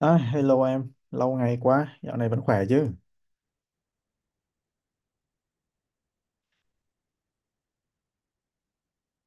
À, hello em, lâu ngày quá, dạo này vẫn khỏe chứ?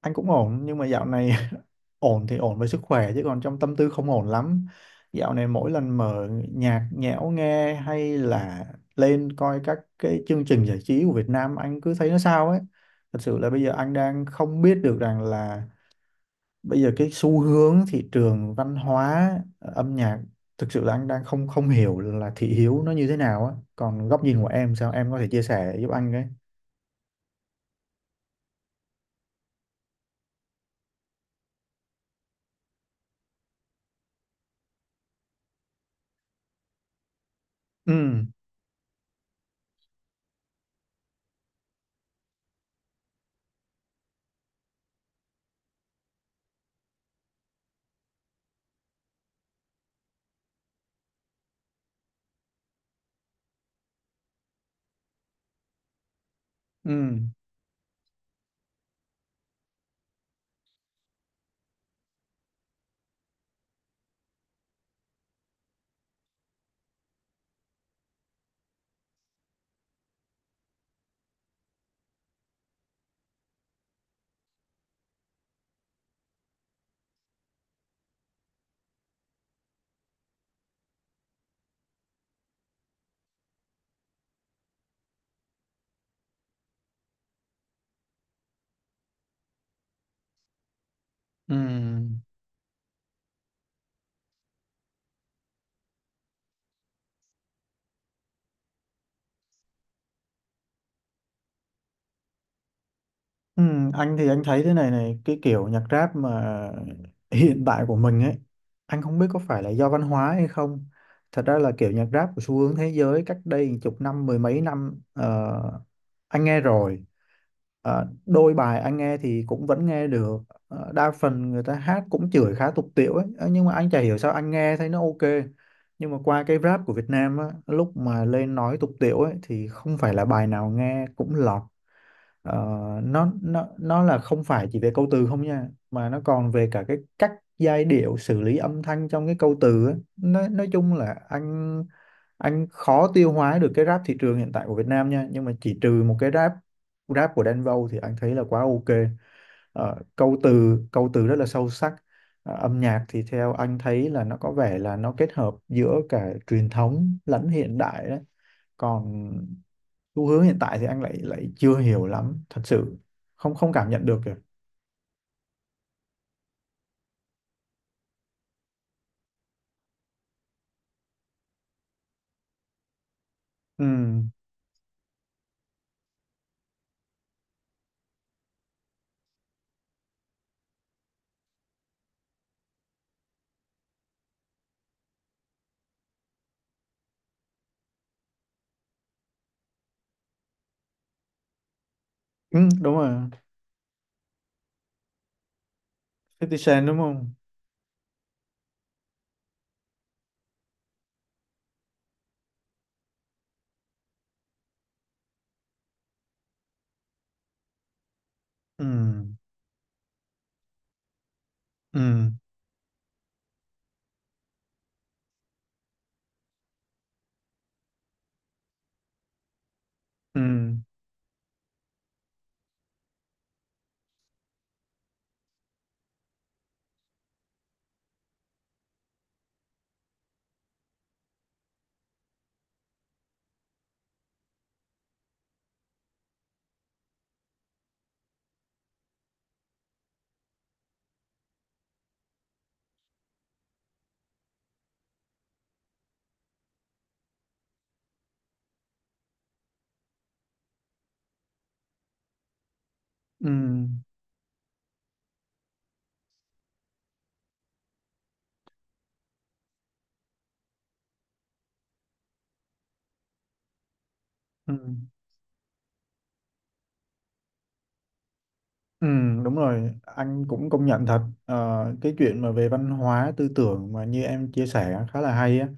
Anh cũng ổn, nhưng mà dạo này ổn thì ổn với sức khỏe chứ còn trong tâm tư không ổn lắm. Dạo này mỗi lần mở nhạc nhẽo nghe hay là lên coi các cái chương trình giải trí của Việt Nam anh cứ thấy nó sao ấy. Thật sự là bây giờ anh đang không biết được rằng là bây giờ cái xu hướng thị trường văn hóa, âm nhạc, thực sự là anh đang không không hiểu là thị hiếu nó như thế nào á. Còn góc nhìn của em sao em có thể chia sẻ giúp anh cái? Ừ, ừ. Ừ. Ừ. Anh thì anh thấy thế này này, cái kiểu nhạc rap mà hiện tại của mình ấy, anh không biết có phải là do văn hóa hay không, thật ra là kiểu nhạc rap của xu hướng thế giới cách đây chục năm mười mấy năm anh nghe rồi. Đôi bài anh nghe thì cũng vẫn nghe được. Đa phần người ta hát cũng chửi khá tục tĩu ấy. Ờ, nhưng mà anh chả hiểu sao anh nghe thấy nó ok, nhưng mà qua cái rap của Việt Nam á, lúc mà lên nói tục tĩu ấy thì không phải là bài nào nghe cũng lọt. Ờ, nó là không phải chỉ về câu từ không nha, mà nó còn về cả cái cách giai điệu xử lý âm thanh trong cái câu từ á. Nói chung là anh khó tiêu hóa được cái rap thị trường hiện tại của Việt Nam nha, nhưng mà chỉ trừ một cái rap, rap của Đen Vâu thì anh thấy là quá ok. Câu từ câu từ rất là sâu sắc. Âm nhạc thì theo anh thấy là nó có vẻ là nó kết hợp giữa cả truyền thống lẫn hiện đại đấy, còn xu hướng hiện tại thì anh lại lại chưa hiểu lắm thật sự, không không cảm nhận được kìa. Ừ, ừ đúng rồi, 50 Cent đúng không? Ừ, ừ, ừ, ừ, ừ, ừ đúng rồi, anh cũng công nhận thật. Cái chuyện mà về văn hóa tư tưởng mà như em chia sẻ khá là hay á.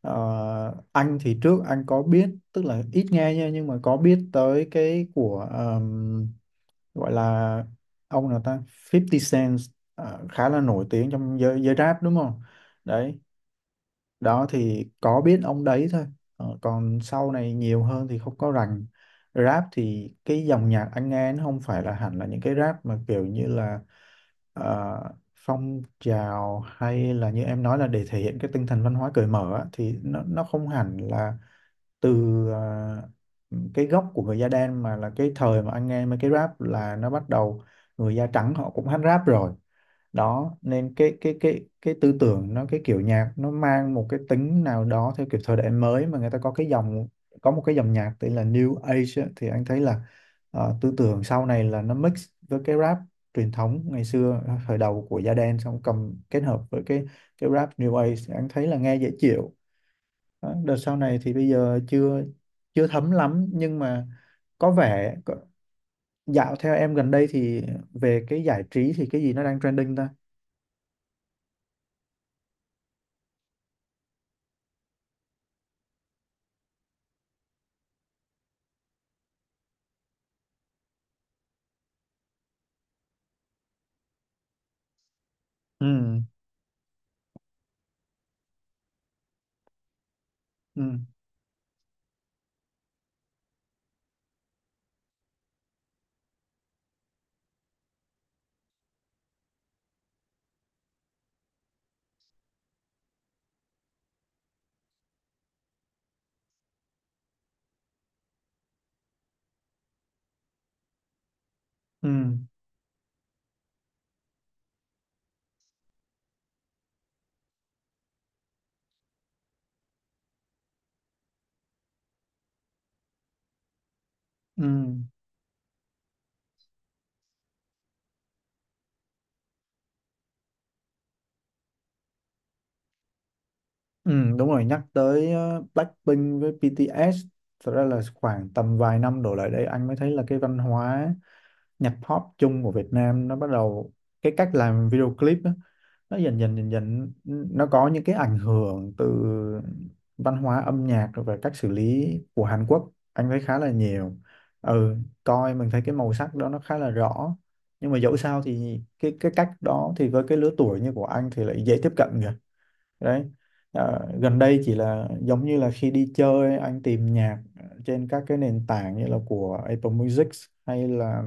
Anh thì trước anh có biết, tức là ít nghe nha, nhưng mà có biết tới cái của, gọi là, ông nào ta, 50 Cent à, khá là nổi tiếng trong giới giới rap đúng không? Đấy đó, thì có biết ông đấy thôi. Còn sau này nhiều hơn thì không có rành. Rap thì cái dòng nhạc anh nghe nó không phải là hẳn là những cái rap mà kiểu như là ờ, phong trào, hay là như em nói là để thể hiện cái tinh thần văn hóa cởi mở á, thì nó không hẳn là từ cái gốc của người da đen, mà là cái thời mà anh nghe mấy cái rap là nó bắt đầu, người da trắng họ cũng hát rap rồi. Đó nên cái tư tưởng nó, cái kiểu nhạc nó mang một cái tính nào đó theo kiểu thời đại mới, mà người ta có cái dòng, có một cái dòng nhạc tên là New Age á, thì anh thấy là tư tưởng sau này là nó mix với cái rap truyền thống ngày xưa, thời đầu của da đen, xong cầm kết hợp với cái rap New Age, anh thấy là nghe dễ chịu. Đó, đợt sau này thì bây giờ chưa chưa thấm lắm, nhưng mà có vẻ dạo theo em gần đây thì về cái giải trí thì cái gì nó đang trending ta? Ừ, ừ, ừ, ừ, ừ đúng rồi, nhắc tới Blackpink với BTS, thật ra là khoảng tầm vài năm đổ lại đây anh mới thấy là cái văn hóa nhạc pop chung của Việt Nam nó bắt đầu, cái cách làm video clip á, nó dần dần nó có những cái ảnh hưởng từ văn hóa âm nhạc rồi về cách xử lý của Hàn Quốc, anh thấy khá là nhiều. Ừ, coi mình thấy cái màu sắc đó nó khá là rõ, nhưng mà dẫu sao thì cái cách đó thì với cái lứa tuổi như của anh thì lại dễ tiếp cận kìa. Đấy, gần đây chỉ là giống như là khi đi chơi anh tìm nhạc trên các cái nền tảng như là của Apple Music hay là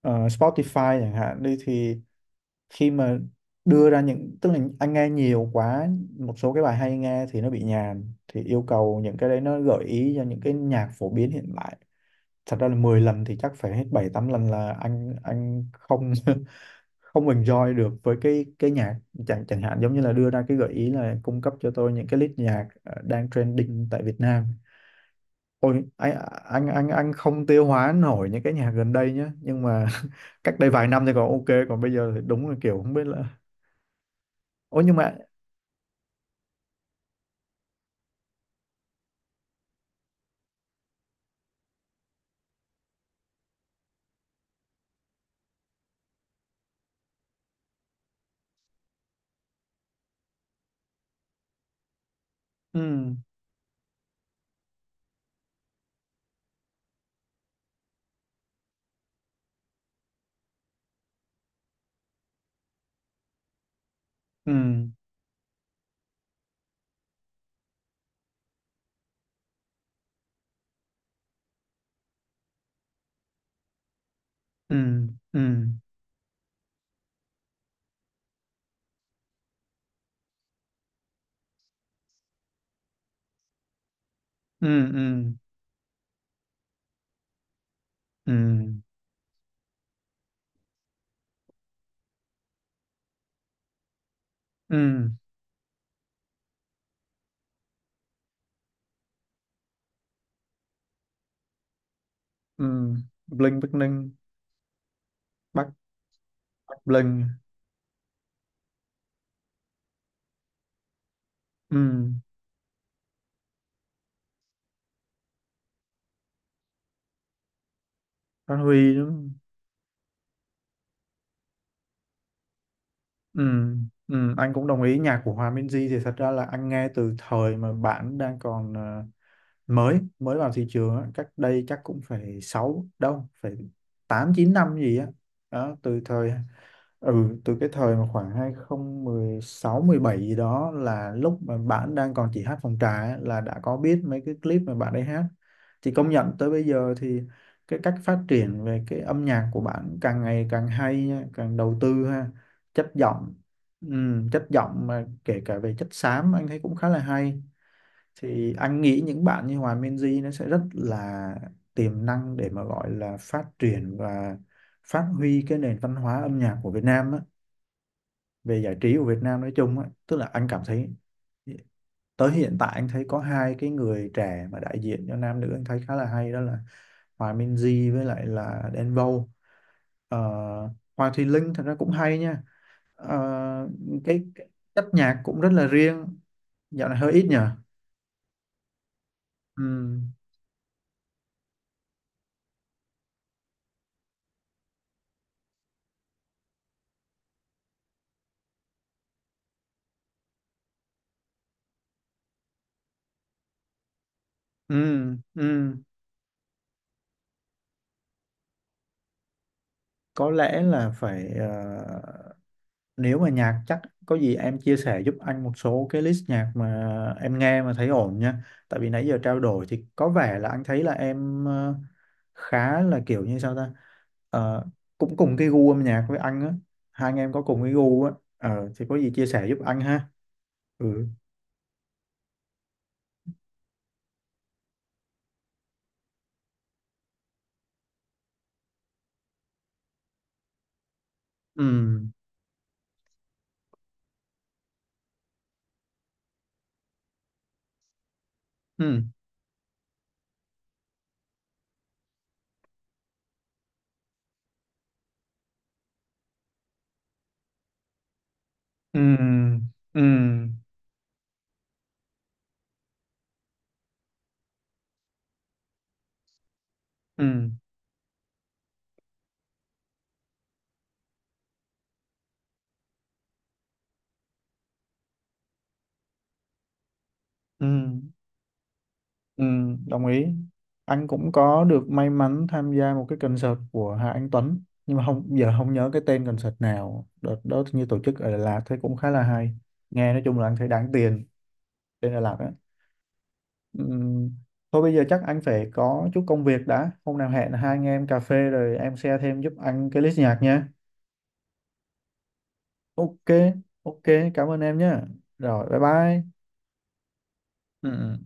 ờ, Spotify chẳng hạn đi, thì khi mà đưa ra những, tức là anh nghe nhiều quá, một số cái bài hay nghe thì nó bị nhàm, thì yêu cầu những cái đấy nó gợi ý cho những cái nhạc phổ biến hiện tại, thật ra là 10 lần thì chắc phải hết 7 8 lần là anh không không enjoy được với cái nhạc. Chẳng chẳng hạn giống như là đưa ra cái gợi ý là cung cấp cho tôi những cái list nhạc đang trending tại Việt Nam. Ôi, anh không tiêu hóa nổi những cái nhạc gần đây nhá, nhưng mà cách đây vài năm thì còn ok, còn bây giờ thì đúng là kiểu không biết là, ôi nhưng mà, ừ, ừ, ừ, ừ, ừ, ừ, ừ, ừ, ừ Blink Bắc Ninh, Bắc, Bắc Blink, ừ, Phát Huy, đúng. Ừ, ừ anh cũng đồng ý, nhạc của Hòa Minzy thì thật ra là anh nghe từ thời mà bạn đang còn mới mới vào thị trường á, cách đây chắc cũng phải sáu, đâu phải 8 9 năm gì á. Đó. Từ thời, ừ từ cái thời mà khoảng 2016 2017 gì đó, là lúc mà bạn đang còn chỉ hát phòng trà á, là đã có biết mấy cái clip mà bạn ấy hát. Thì công nhận tới bây giờ thì cái cách phát triển về cái âm nhạc của bạn càng ngày càng hay nha, càng đầu tư ha. Chất giọng, ừ, chất giọng mà kể cả về chất xám anh thấy cũng khá là hay. Thì anh nghĩ những bạn như Hòa Minzy nó sẽ rất là tiềm năng để mà gọi là phát triển và phát huy cái nền văn hóa âm nhạc của Việt Nam á, về giải trí của Việt Nam nói chung á, tức là anh cảm thấy tới hiện tại anh thấy có hai cái người trẻ mà đại diện cho nam nữ anh thấy khá là hay, đó là Hòa Minzy với lại là Đen Vâu. Ờ, Hoàng Thùy Linh thật ra cũng hay nha. Ờ, cái chất nhạc cũng rất là riêng. Dạo này hơi ít nhở. Ừ, ừ, ừ có lẽ là phải, nếu mà nhạc chắc, có gì em chia sẻ giúp anh một số cái list nhạc mà em nghe mà thấy ổn nha, tại vì nãy giờ trao đổi thì có vẻ là anh thấy là em khá là kiểu như sao ta. Ờ, Cũng cùng cái gu âm nhạc với anh á, hai anh em có cùng cái gu á. Thì có gì chia sẻ giúp anh ha. Ừ, ừ, ừ, ừ, ừ, ừ, ừ. Ừ, đồng ý. Anh cũng có được may mắn tham gia một cái concert của Hà Anh Tuấn, nhưng mà không, giờ không nhớ cái tên concert nào, đợt đó như tổ chức ở Đà Lạt thấy cũng khá là hay, nghe nói chung là anh thấy đáng tiền. Tên Đà Lạt á. Ừm, thôi bây giờ chắc anh phải có chút công việc đã, hôm nào hẹn hai anh em cà phê rồi em share thêm giúp anh cái list nhạc nha. Ok. Ok, cảm ơn em nhé. Rồi bye bye. Ừ. Ừ.